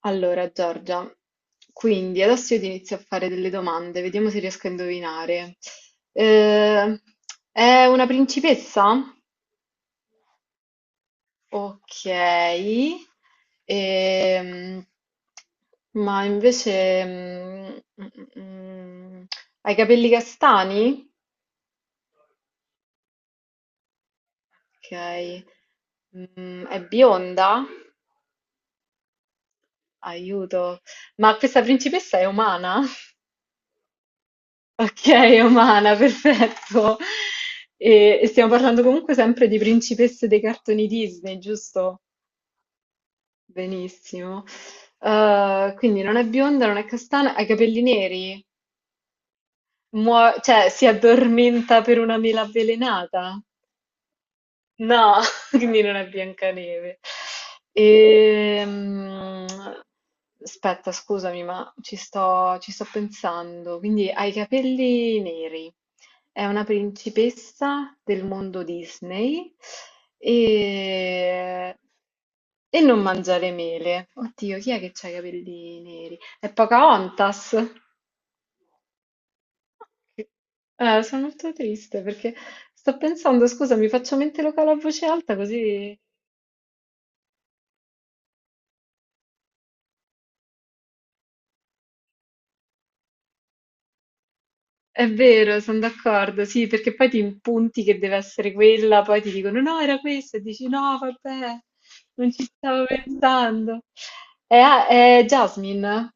Allora, Giorgia, quindi adesso io ti inizio a fare delle domande, vediamo se riesco a indovinare. Eh, è una principessa? Ok. Ehm, ma invece... mm, mm, ha i capelli castani? Ok. È bionda? Aiuto. Ma questa principessa è umana? Ok, Omana, perfetto. E stiamo parlando comunque sempre di principesse dei cartoni Disney, giusto? Benissimo. Quindi non è bionda, non è castana, ha i capelli neri, cioè si addormenta per una mela avvelenata. No, quindi non è Biancaneve. Ehm, Aspetta, scusami, ma ci sto pensando. Quindi ha i capelli neri, è una principessa del mondo Disney e, e non mangiare mele. Oddio, chi è che ha i capelli neri? È Pocahontas. Che- sono molto triste perché sto pensando, scusa, mi faccio mente locale a voce alta così... È vero, sono d'accordo, sì, perché poi ti impunti che deve essere quella, poi ti dicono no, era questa, e dici no, vabbè, non ci stavo pensando. È Jasmine?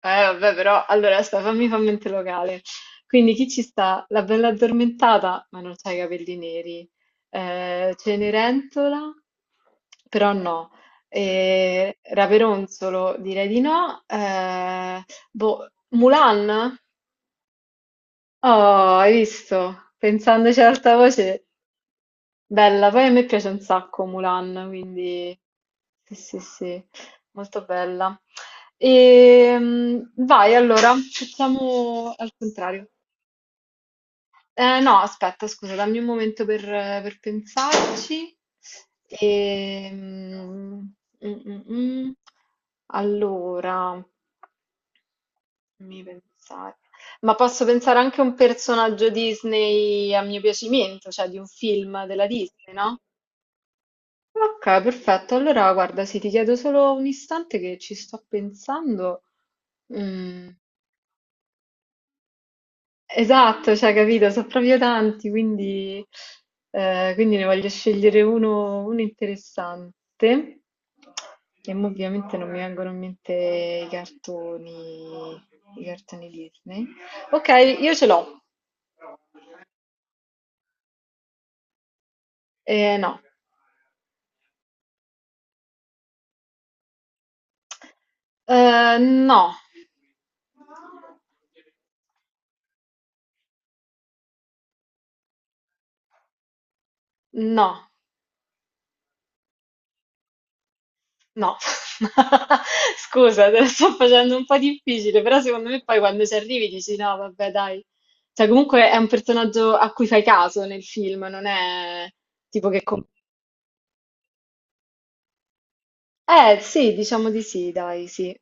Vabbè, però, allora, aspetta, fammi fa mente locale. Quindi chi ci sta? La bella addormentata, ma non c'ha i capelli neri. Cenerentola? Però no. Raperonzolo? Direi di no. Boh, Mulan? Oh, hai visto? Pensandoci ad alta voce, bella. Poi a me piace un sacco Mulan, quindi sì, sì, sì, molto bella. Vai, allora, facciamo al contrario. No, aspetta, scusa, dammi un momento per pensarci. Ehm, mm, mm, mm. Allora. Fammi pensare. Ma posso pensare anche a un personaggio Disney a mio piacimento, cioè di un film della Disney, no? Ok, perfetto. Allora, guarda, sì, ti chiedo solo un istante che ci sto pensando. Mm, esatto, cioè, capito, sono proprio tanti, quindi, quindi ne voglio scegliere uno, uno interessante. E mo ovviamente non mi vengono in mente i cartoni, i cartoni Disney. Ok, io ce l'ho. No. No, no, no. Scusa, te la sto facendo un po' difficile, però secondo me poi quando ci arrivi dici no, vabbè, dai. Cioè, comunque è un personaggio a cui fai caso nel film, non è tipo che... sì, diciamo di sì, dai, sì.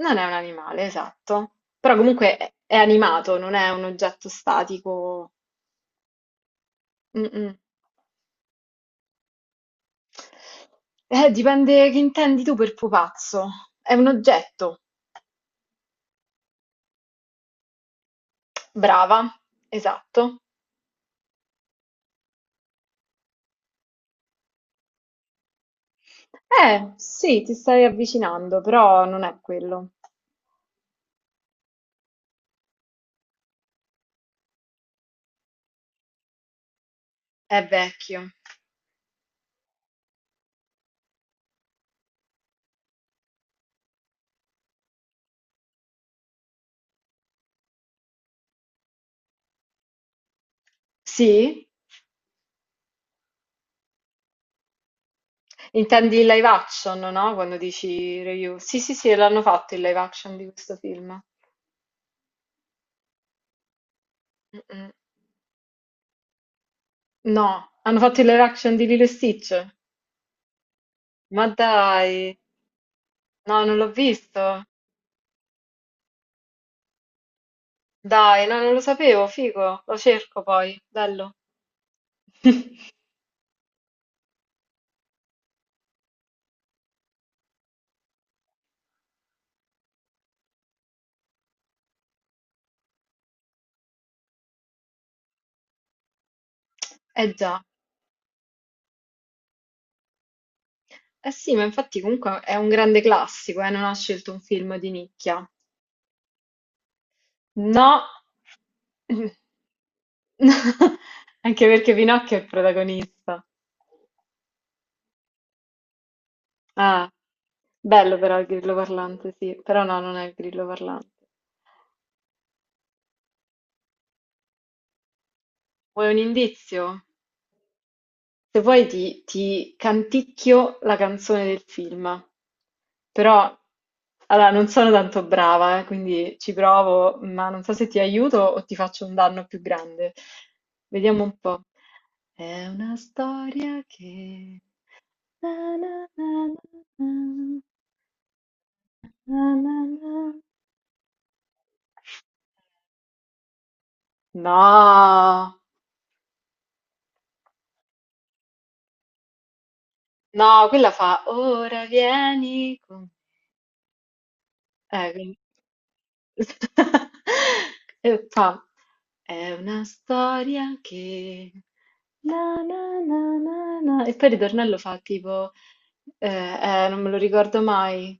Non è un animale, esatto. Però comunque è animato, non è un oggetto statico. Mm, mm. Dipende che intendi tu per pupazzo. È un oggetto. Brava, esatto. Sì, ti stai avvicinando, però non è quello. È vecchio. Sì? Intendi il live action, no? Quando dici review. Sì, sì, sì, l'hanno fatto il live action di questo film. Mm-mm. No, hanno fatto il live action di Lilo e Stitch. Ma dai, no, non l'ho visto. Dai, no, non lo sapevo, figo. Lo cerco poi, bello. Eh già. Eh sì, ma infatti comunque è un grande classico, non ha scelto un film di nicchia. No, anche perché Pinocchio è il protagonista. Ah, bello però il grillo parlante, sì, però no, non è il grillo parlante. Vuoi un indizio? Se vuoi ti canticchio la canzone del film, però allora, non sono tanto brava, quindi ci provo, ma non so se ti aiuto o ti faccio un danno più grande. Vediamo un po'. È una storia che... na, na, na, na, na, na, na, na. No, no, quella fa ora vieni con... Eh, quindi- e fa È una storia che... Na, na, na, na, na. E poi il ritornello fa tipo... non me lo ricordo mai.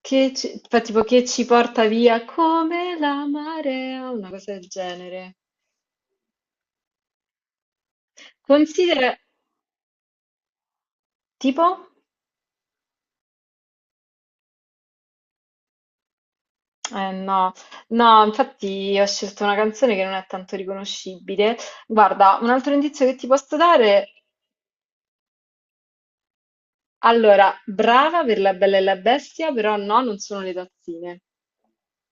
Che ci... Fa tipo che ci porta via come la marea, una cosa del genere. Considera... Tipo? Eh no, no, infatti ho scelto una canzone che non è tanto riconoscibile. Guarda, un altro indizio che ti posso dare Allora, brava per La Bella e la Bestia, però no, non sono le tazzine.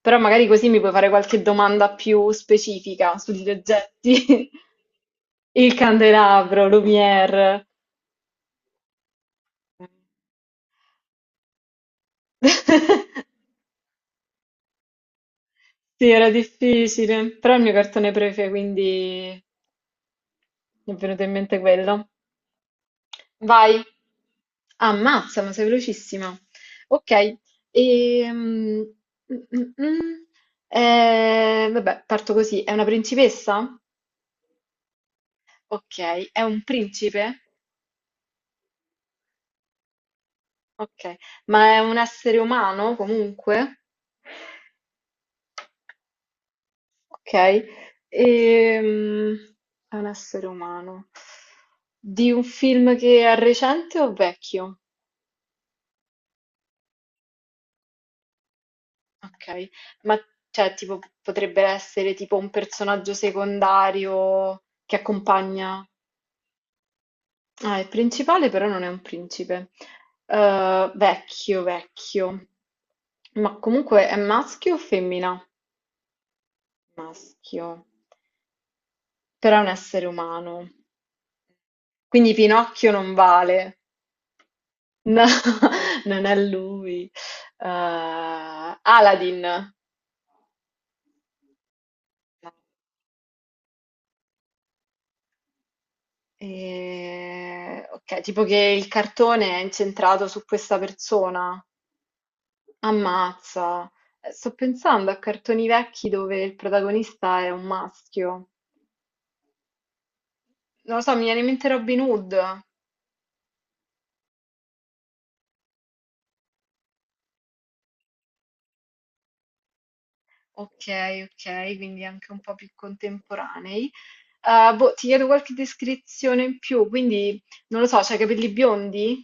Però magari così mi puoi fare qualche domanda più specifica sugli oggetti. Il candelabro, Lumière. Sì, era difficile, però è il mio cartone prefe, quindi mi è venuto in mente quello. Vai. Ammazza, ma sei velocissima. Ok, ehm, mm, mm, mm. Vabbè, parto così. È una principessa? Ok, è un principe? Ok, ma è un essere umano comunque? Ok, ehm, è un essere umano. Di un film che è recente o vecchio? Okay. Ma cioè tipo p potrebbe essere tipo un personaggio secondario che accompagna ah, il principale però non è un principe. Vecchio, vecchio. Ma comunque è maschio o femmina? Maschio. Però è un essere umano. Quindi Pinocchio non vale. No, non è lui. Aladdin. No. Ok, tipo che il cartone è incentrato su questa persona. Ammazza. Sto pensando a cartoni vecchi dove il protagonista è un maschio. Non lo so, mi viene in mente Robin Hood. Ok, ok, quindi anche un po' più contemporanei. Boh, ti chiedo qualche descrizione in più, quindi non lo so, c'hai i capelli biondi?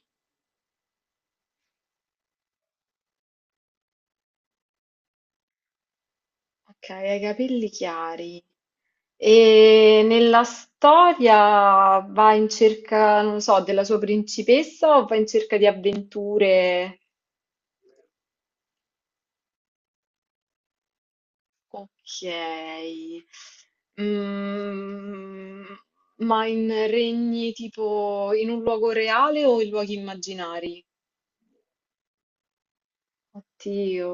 Ok, hai i capelli chiari. E nella storia va in cerca, non so, della sua principessa o va in cerca di avventure? Ok. Mm, ma in regni tipo in un luogo reale o in luoghi immaginari? Oddio.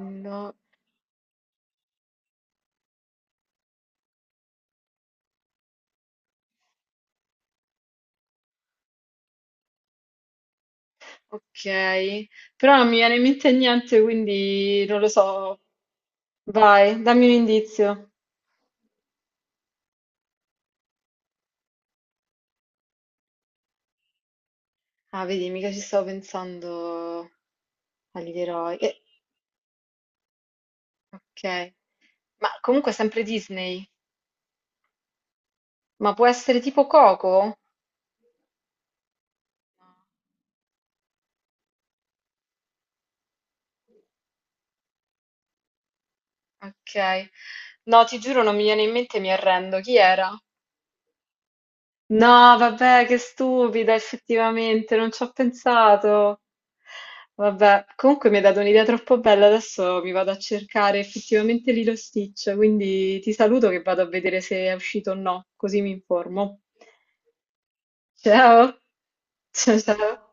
No, ok. Però non mi viene in mente niente, quindi non lo so. Vai, dammi un indizio. Ah, vedi, mica ci stavo pensando. Agli dei Roy. Ok. Ma comunque sempre Disney. Ma può essere tipo Coco? Ok. No, ti giuro, non mi viene in mente, mi arrendo. Chi era? No, vabbè, che stupida, effettivamente, non ci ho pensato. Vabbè, comunque mi hai dato un'idea troppo bella, adesso mi vado a cercare effettivamente Lilo Stitch, quindi ti saluto che vado a vedere se è uscito o no, così mi informo. Ciao, ciao ciao.